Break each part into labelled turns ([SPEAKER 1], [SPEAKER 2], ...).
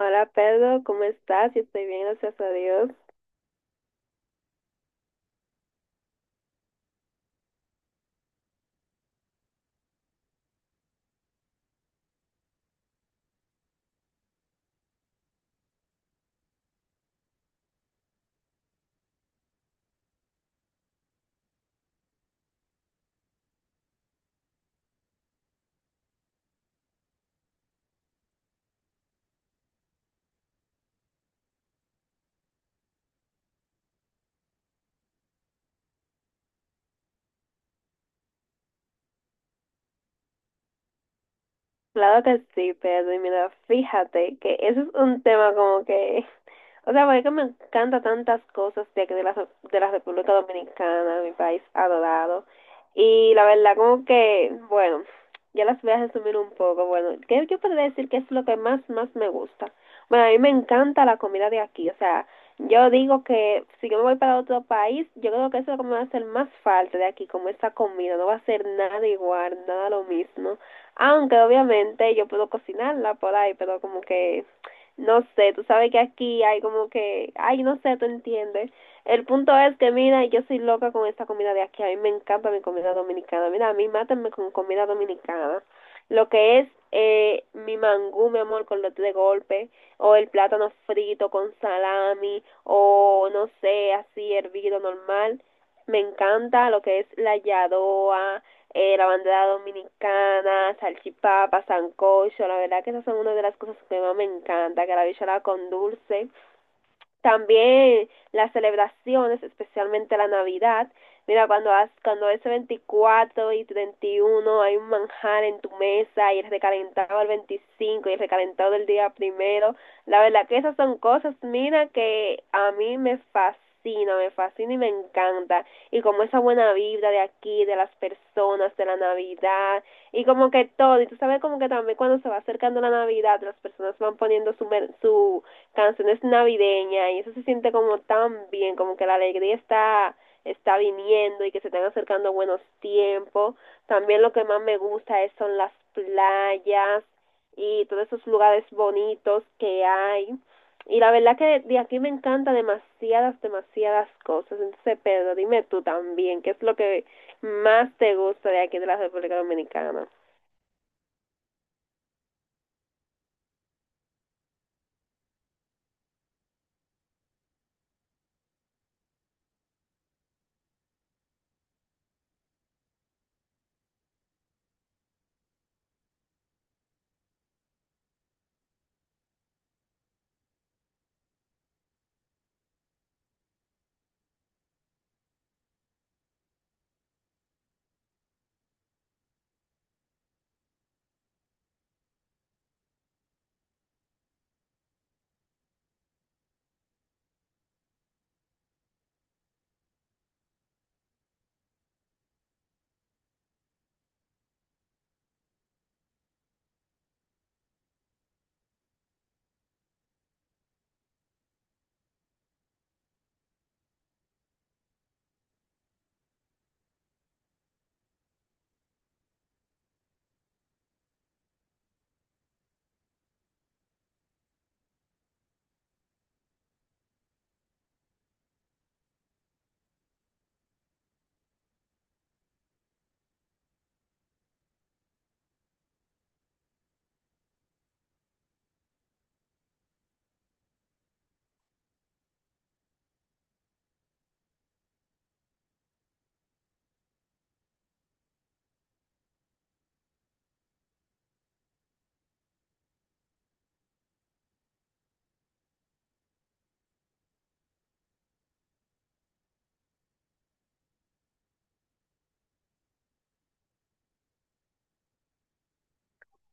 [SPEAKER 1] Hola Pedro, ¿cómo estás? Yo estoy bien, gracias a Dios. Claro que sí, Pedro. Y mira, fíjate que eso es un tema como que... O sea, porque me encanta tantas cosas de, aquí de la República Dominicana, mi país adorado. Y la verdad, como que, bueno, ya las voy a resumir un poco. Bueno, ¿qué yo podría decir que es lo que más, más me gusta? Bueno, a mí me encanta la comida de aquí. O sea, yo digo que si yo me voy para otro país, yo creo que eso es lo que me va a hacer más falta de aquí, como esta comida. No va a ser nada igual, nada lo mismo. Aunque obviamente yo puedo cocinarla por ahí, pero como que no sé, tú sabes que aquí hay como que, ay, no sé, tú entiendes. El punto es que, mira, yo soy loca con esta comida de aquí, a mí me encanta mi comida dominicana, mira, a mí mátenme con comida dominicana. Lo que es mi mangú, mi amor, con lote de golpe, o el plátano frito con salami, o no sé, así hervido normal me encanta lo que es la yadoa, la bandera dominicana, salchipapa, sancocho, la verdad que esas son una de las cosas que más me encanta, que la bichola con dulce, también las celebraciones, especialmente la Navidad. Mira, cuando, has, cuando es 24 y 31 hay un manjar en tu mesa y el recalentado del 25 y el recalentado del día primero. La verdad que esas son cosas, mira, que a mí me fascina, y me encanta. Y como esa buena vibra de aquí, de las personas, de la Navidad, y como que todo. Y tú sabes como que también cuando se va acercando la Navidad, las personas van poniendo su, su canciones navideñas y eso se siente como tan bien, como que la alegría está viniendo y que se están acercando buenos tiempos. También lo que más me gusta es son las playas y todos esos lugares bonitos que hay. Y la verdad que de aquí me encanta demasiadas, demasiadas cosas. Entonces, Pedro, dime tú también, ¿qué es lo que más te gusta de aquí de la República Dominicana?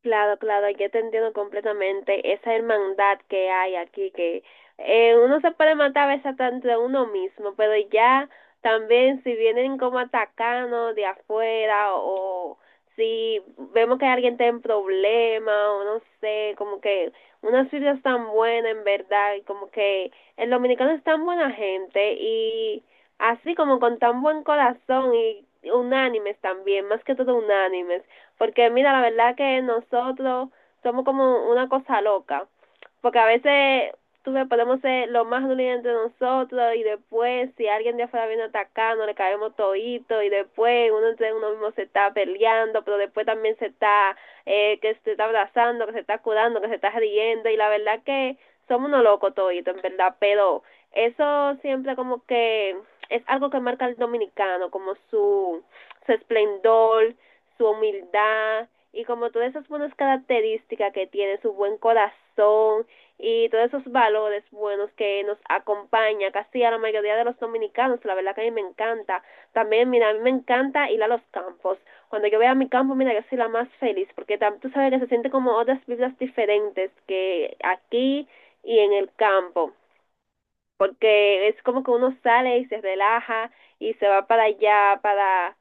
[SPEAKER 1] Claro, claro, yo te entiendo completamente esa hermandad que hay aquí, que uno se puede matar a veces hasta entre uno mismo, pero ya también si vienen como atacanos de afuera o si vemos que alguien está en problema o no sé, como que unas filas tan buenas en verdad, y como que el dominicano es tan buena gente y así como con tan buen corazón y unánimes también, más que todo unánimes, porque mira, la verdad que nosotros somos como una cosa loca, porque a veces tú ves, podemos ser lo más dolientes de nosotros y después si alguien de afuera viene atacando, le caemos todito y después uno entre uno mismo se está peleando, pero después también se está, que se está abrazando, que se está curando, que se está riendo y la verdad que somos unos locos toditos, en verdad, pero eso siempre como que es algo que marca al dominicano, como su esplendor, su humildad y como todas esas buenas características que tiene, su buen corazón y todos esos valores buenos que nos acompaña casi a la mayoría de los dominicanos, la verdad que a mí me encanta. También, mira, a mí me encanta ir a los campos. Cuando yo voy a mi campo, mira, yo soy la más feliz, porque tam- tú sabes que se siente como otras vidas diferentes, que aquí y en el campo, porque es como que uno sale y se relaja y se va para allá para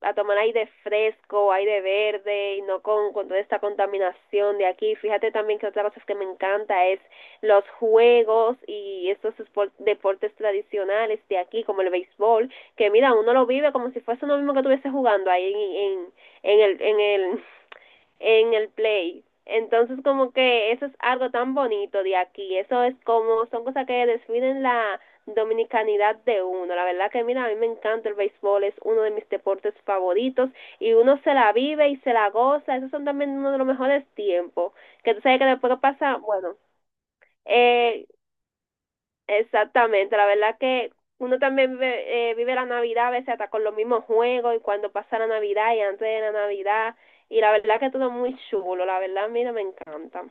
[SPEAKER 1] a tomar aire fresco, aire verde y no con, con toda esta contaminación de aquí. Fíjate también que otra cosa que me encanta es los juegos y estos deportes tradicionales de aquí, como el béisbol, que mira, uno lo vive como si fuese uno mismo que estuviese jugando ahí en el, en el en el play. Entonces como que eso es algo tan bonito de aquí, eso es como, son cosas que definen la dominicanidad de uno. La verdad que mira, a mí me encanta el béisbol, es uno de mis deportes favoritos y uno se la vive y se la goza, esos son también uno de los mejores tiempos, que tú sabes que después que pasa, bueno, eh, Exactamente, la verdad que uno también ve- vive la Navidad a veces hasta con los mismos juegos y cuando pasa la Navidad y antes de la Navidad y la verdad que todo muy chulo, la verdad, mira, me encanta.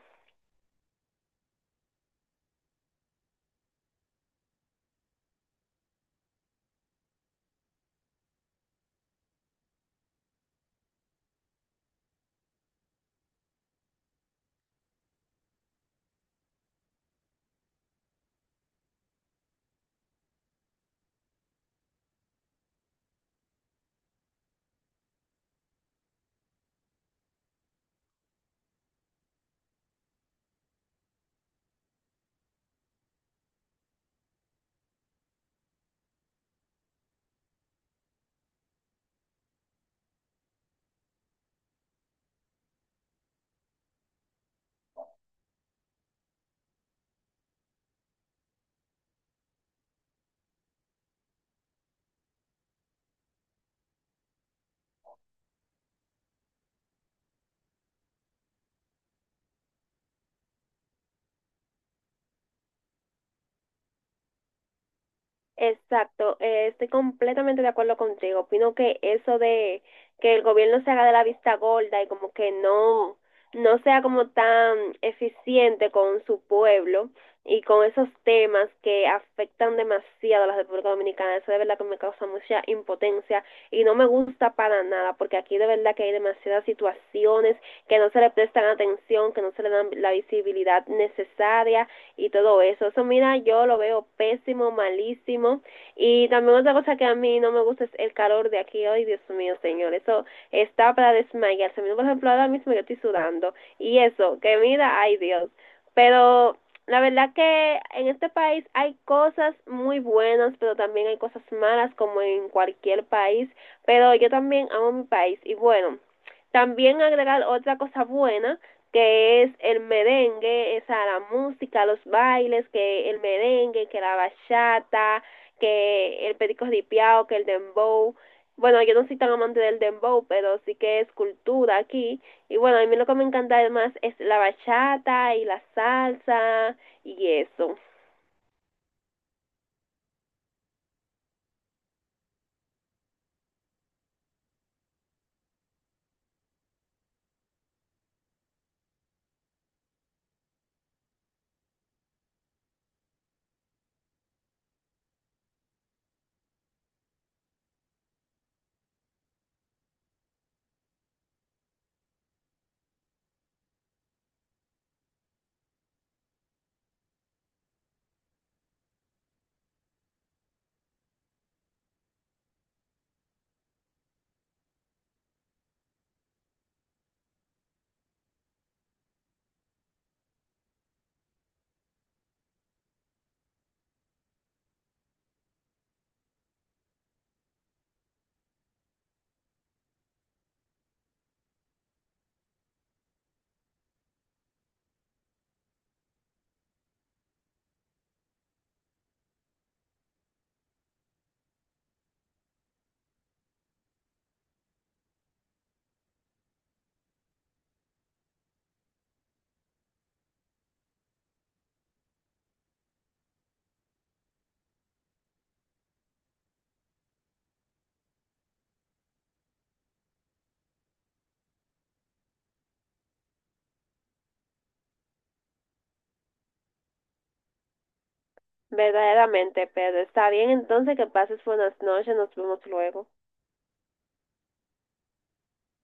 [SPEAKER 1] Exacto, estoy completamente de acuerdo contigo. Opino que eso de que el gobierno se haga de la vista gorda y como que no, no sea como tan eficiente con su pueblo y con esos temas que afectan demasiado a la República Dominicana, eso de verdad que me causa mucha impotencia y no me gusta para nada porque aquí de verdad que hay demasiadas situaciones que no se le prestan atención, que no se le dan la visibilidad necesaria y todo eso. Eso, mira, yo lo veo pésimo, malísimo. Y también otra cosa que a mí no me gusta es el calor de aquí hoy, Dios mío, señor. Eso está para desmayarse. Por ejemplo, ahora mismo yo estoy sudando. Y eso, que mira, ay Dios. Pero la verdad que en este país hay cosas muy buenas, pero también hay cosas malas como en cualquier país. Pero yo también amo mi país. Y bueno, también agregar otra cosa buena que es el merengue, esa la música, los bailes, que el merengue, que la bachata, que el perico ripiao, que el dembow. Bueno, yo no soy tan amante del dembow, pero sí que es cultura aquí. Y bueno, a mí lo que me encanta además es la bachata y la salsa y eso. Verdaderamente, pero está bien entonces que pases buenas noches, nos vemos luego.